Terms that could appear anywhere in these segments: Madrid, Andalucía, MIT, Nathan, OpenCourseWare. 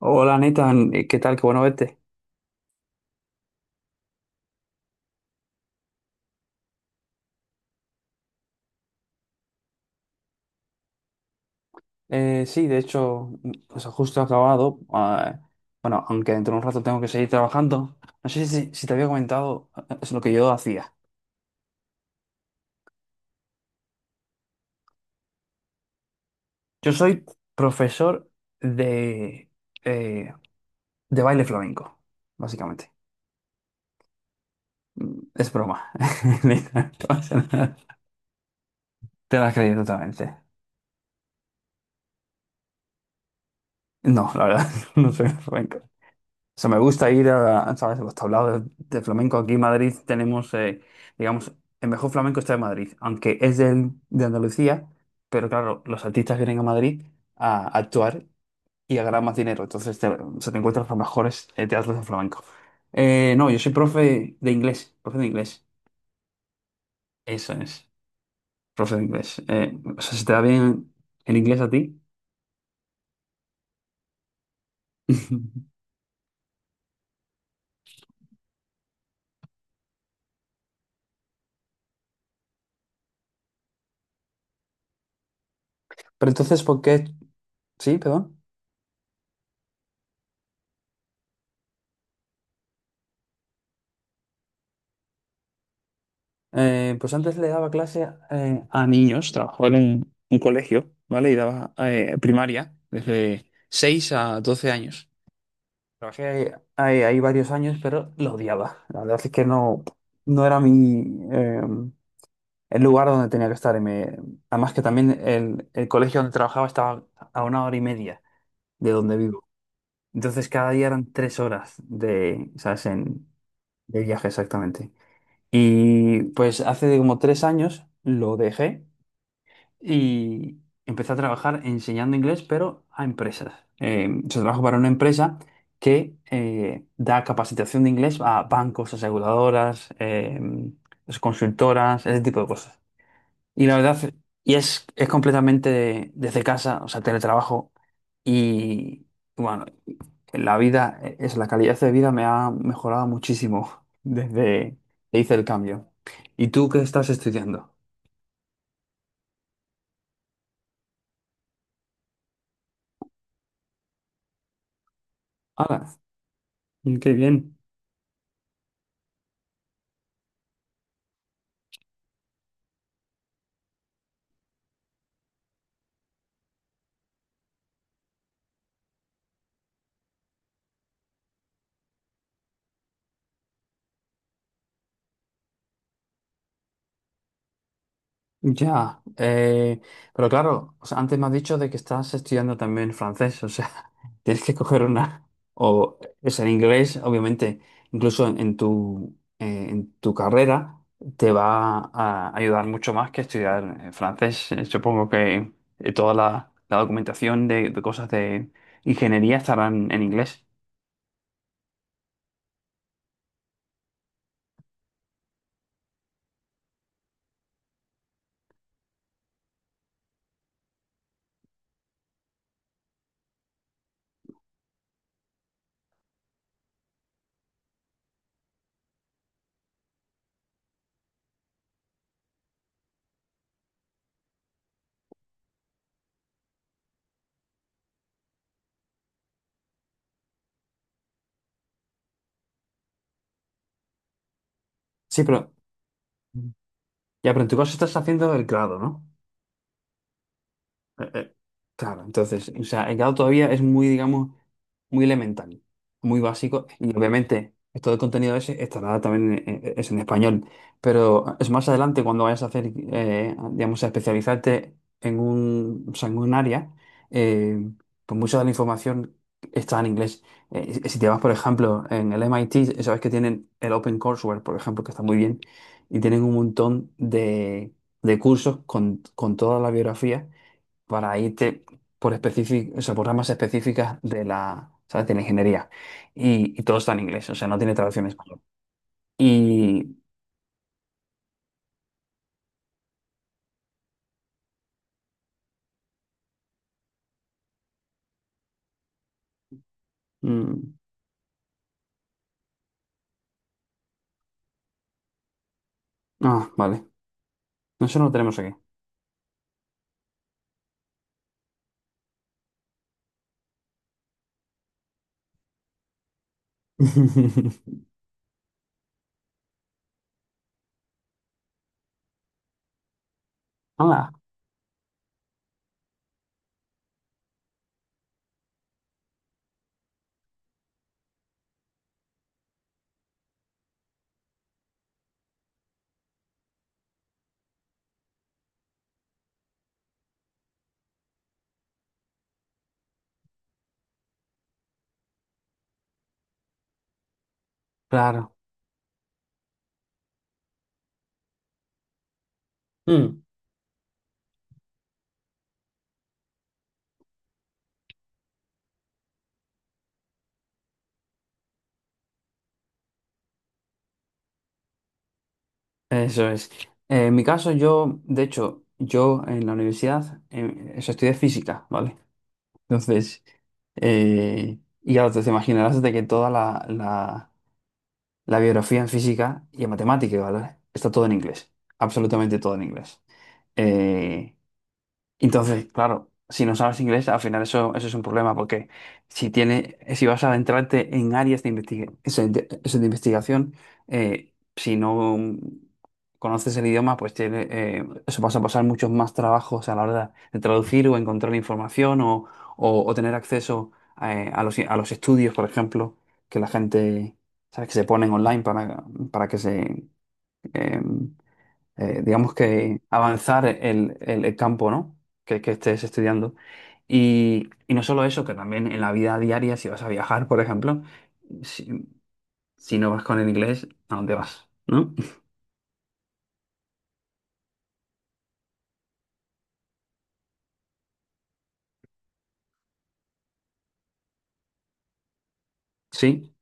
Hola Nathan, ¿qué tal? Qué bueno verte. Sí, de hecho, o sea, justo he acabado. Ah, bueno, aunque dentro de un rato tengo que seguir trabajando. No sé si te había comentado es lo que yo hacía. Yo soy profesor de, eh, de baile flamenco, básicamente. Es broma. Nathan, no pasa nada. Te lo has creído totalmente. No, la verdad, no soy flamenco. O sea, me gusta ir a, ¿sabes? Los tablados de flamenco. Aquí en Madrid tenemos, digamos, el mejor flamenco está en Madrid, aunque es de Andalucía, pero claro, los artistas vienen a Madrid a actuar y a ganar más dinero. Entonces te, se te encuentras los mejores teatros de flamenco. No, yo soy profe de inglés, profe de inglés. Eso es, profe de inglés. O sea, ¿se te da bien el inglés a ti? Pero entonces, ¿por qué? Sí, perdón. Pues antes le daba clase a niños, trabajaba en un colegio, ¿vale? Y daba primaria desde 6 a 12 años. Trabajé ahí, ahí varios años, pero lo odiaba. La verdad es que no, no era mi, el lugar donde tenía que estar. Además que también el colegio donde trabajaba estaba a una hora y media de donde vivo. Entonces cada día eran 3 horas de, ¿sabes? En, de viaje exactamente. Y pues hace como 3 años lo dejé y empecé a trabajar enseñando inglés, pero a empresas. Yo trabajo para una empresa que da capacitación de inglés a bancos, aseguradoras, consultoras, ese tipo de cosas. Y la verdad, es completamente desde casa, o sea, teletrabajo. Y bueno, la calidad de vida me ha mejorado muchísimo desde que hice el cambio. ¿Y tú qué estás estudiando? Ah, qué bien. Ya, pero claro, o sea, antes me has dicho de que estás estudiando también francés, o sea, tienes que coger una, o es en inglés, obviamente, incluso en tu carrera te va a ayudar mucho más que estudiar francés. Supongo que toda la, la documentación de cosas de ingeniería estarán en inglés. Sí, pero ya, pero en tu caso estás haciendo el grado, ¿no? Eh, eh, Claro, entonces, o sea, el grado todavía es muy, digamos, muy elemental, muy básico, y obviamente todo el contenido ese estará también en, es en español, pero es más adelante cuando vayas a hacer, digamos, a especializarte en un, o sea, en un área, eh, pues mucha de la información está en inglés. Si te vas, por ejemplo, en el MIT, sabes que tienen el OpenCourseWare, por ejemplo, que está muy bien, y tienen un montón de cursos con toda la biografía para irte por o sea, por ramas específicas de la, ¿sabes? De la ingeniería. Y todo está en inglés, o sea, no tiene traducción en español. Y... mm, ah, vale. Eso no lo tenemos aquí. Ah, claro. Mm, Eso es. En mi caso, yo, de hecho, yo en la universidad, eso estudié física, ¿vale? Entonces, y ya te imaginarás de que toda la, la biografía en física y en matemática, ¿vale? Está todo en inglés, absolutamente todo en inglés. Eh, entonces, claro, si no sabes inglés, al final eso, eso es un problema, porque si tiene, si vas a adentrarte en áreas de, eso de investigación, si no conoces el idioma, pues tiene, eso vas a pasar muchos más trabajos a la hora de traducir o encontrar información o, o tener acceso a los estudios, por ejemplo, que la gente, ¿sabes?, que se ponen online para que se, em, digamos que avanzar el, el campo, ¿no? Que estés estudiando. Y no solo eso, que también en la vida diaria, si vas a viajar, por ejemplo, si, si no vas con el inglés, ¿a dónde vas? ¿No? Sí.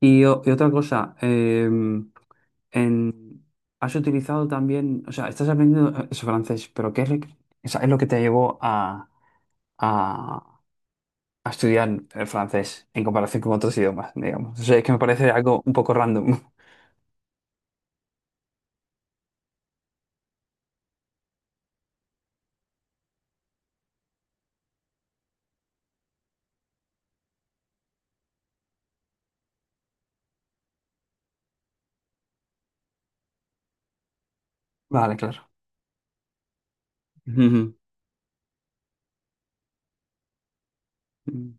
Y, y otra cosa, en, has utilizado también, o sea, estás aprendiendo es francés, pero ¿qué es lo que, o sea, es lo que te llevó a, a estudiar el francés en comparación con otros idiomas, digamos? O sea, es que me parece algo un poco random. Vale, claro. Mm.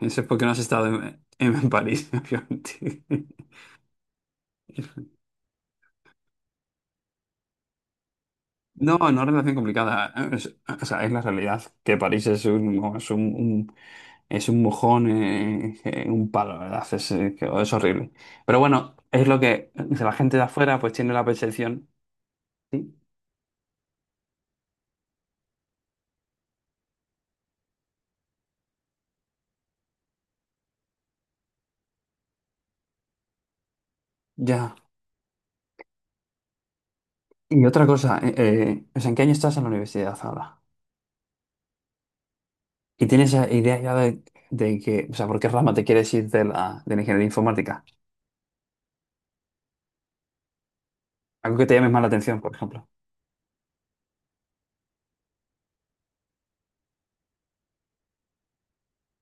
Eso es porque no has estado en París, obviamente. No, no relación complicada. O sea, es la realidad que París es un, es un, es un mojón, un palo, la ¿verdad? Es, es horrible. Pero bueno, es lo que la gente de afuera pues tiene la percepción. ¿Sí? Ya. Y otra cosa, o sea, ¿en qué año estás en la universidad ahora? ¿Y tienes esa idea ya de que, o sea, por qué rama te quieres ir de la ingeniería informática? Algo que te llame más la atención, por ejemplo.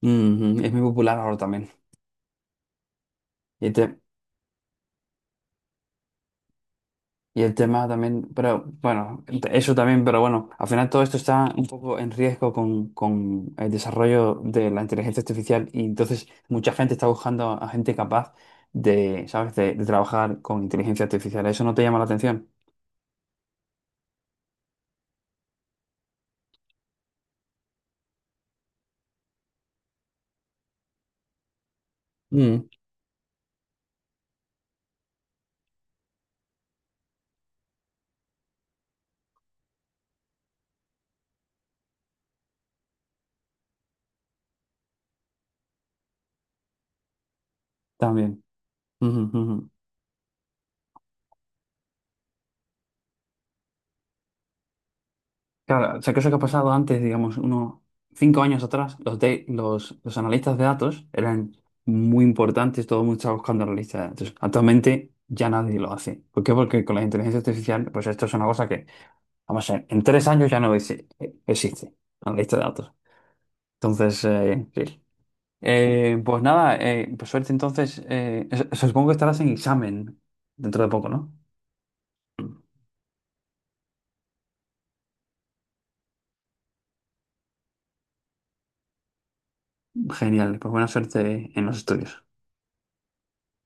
Ujú, es muy popular ahora también. Y el, y el tema también, pero bueno, eso también, pero bueno, al final todo esto está un poco en riesgo con el desarrollo de la inteligencia artificial y entonces mucha gente está buscando a gente capaz de, ¿sabes?, de trabajar con inteligencia artificial. ¿Eso no te llama la atención? Mm, también. Ujú, ujú. Claro, o sea, que eso que ha pasado antes, digamos, unos 5 años atrás, los, de, los analistas de datos eran muy importantes, todo el mundo estaba buscando analistas de datos. Actualmente ya nadie lo hace. ¿Por qué? Porque con la inteligencia artificial, pues esto es una cosa que, vamos a ver, en 3 años ya no existe, analista de datos. Entonces, sí. Pues nada, pues suerte entonces. Supongo que estarás en examen dentro de poco, ¿no? Genial, pues buena suerte en los estudios.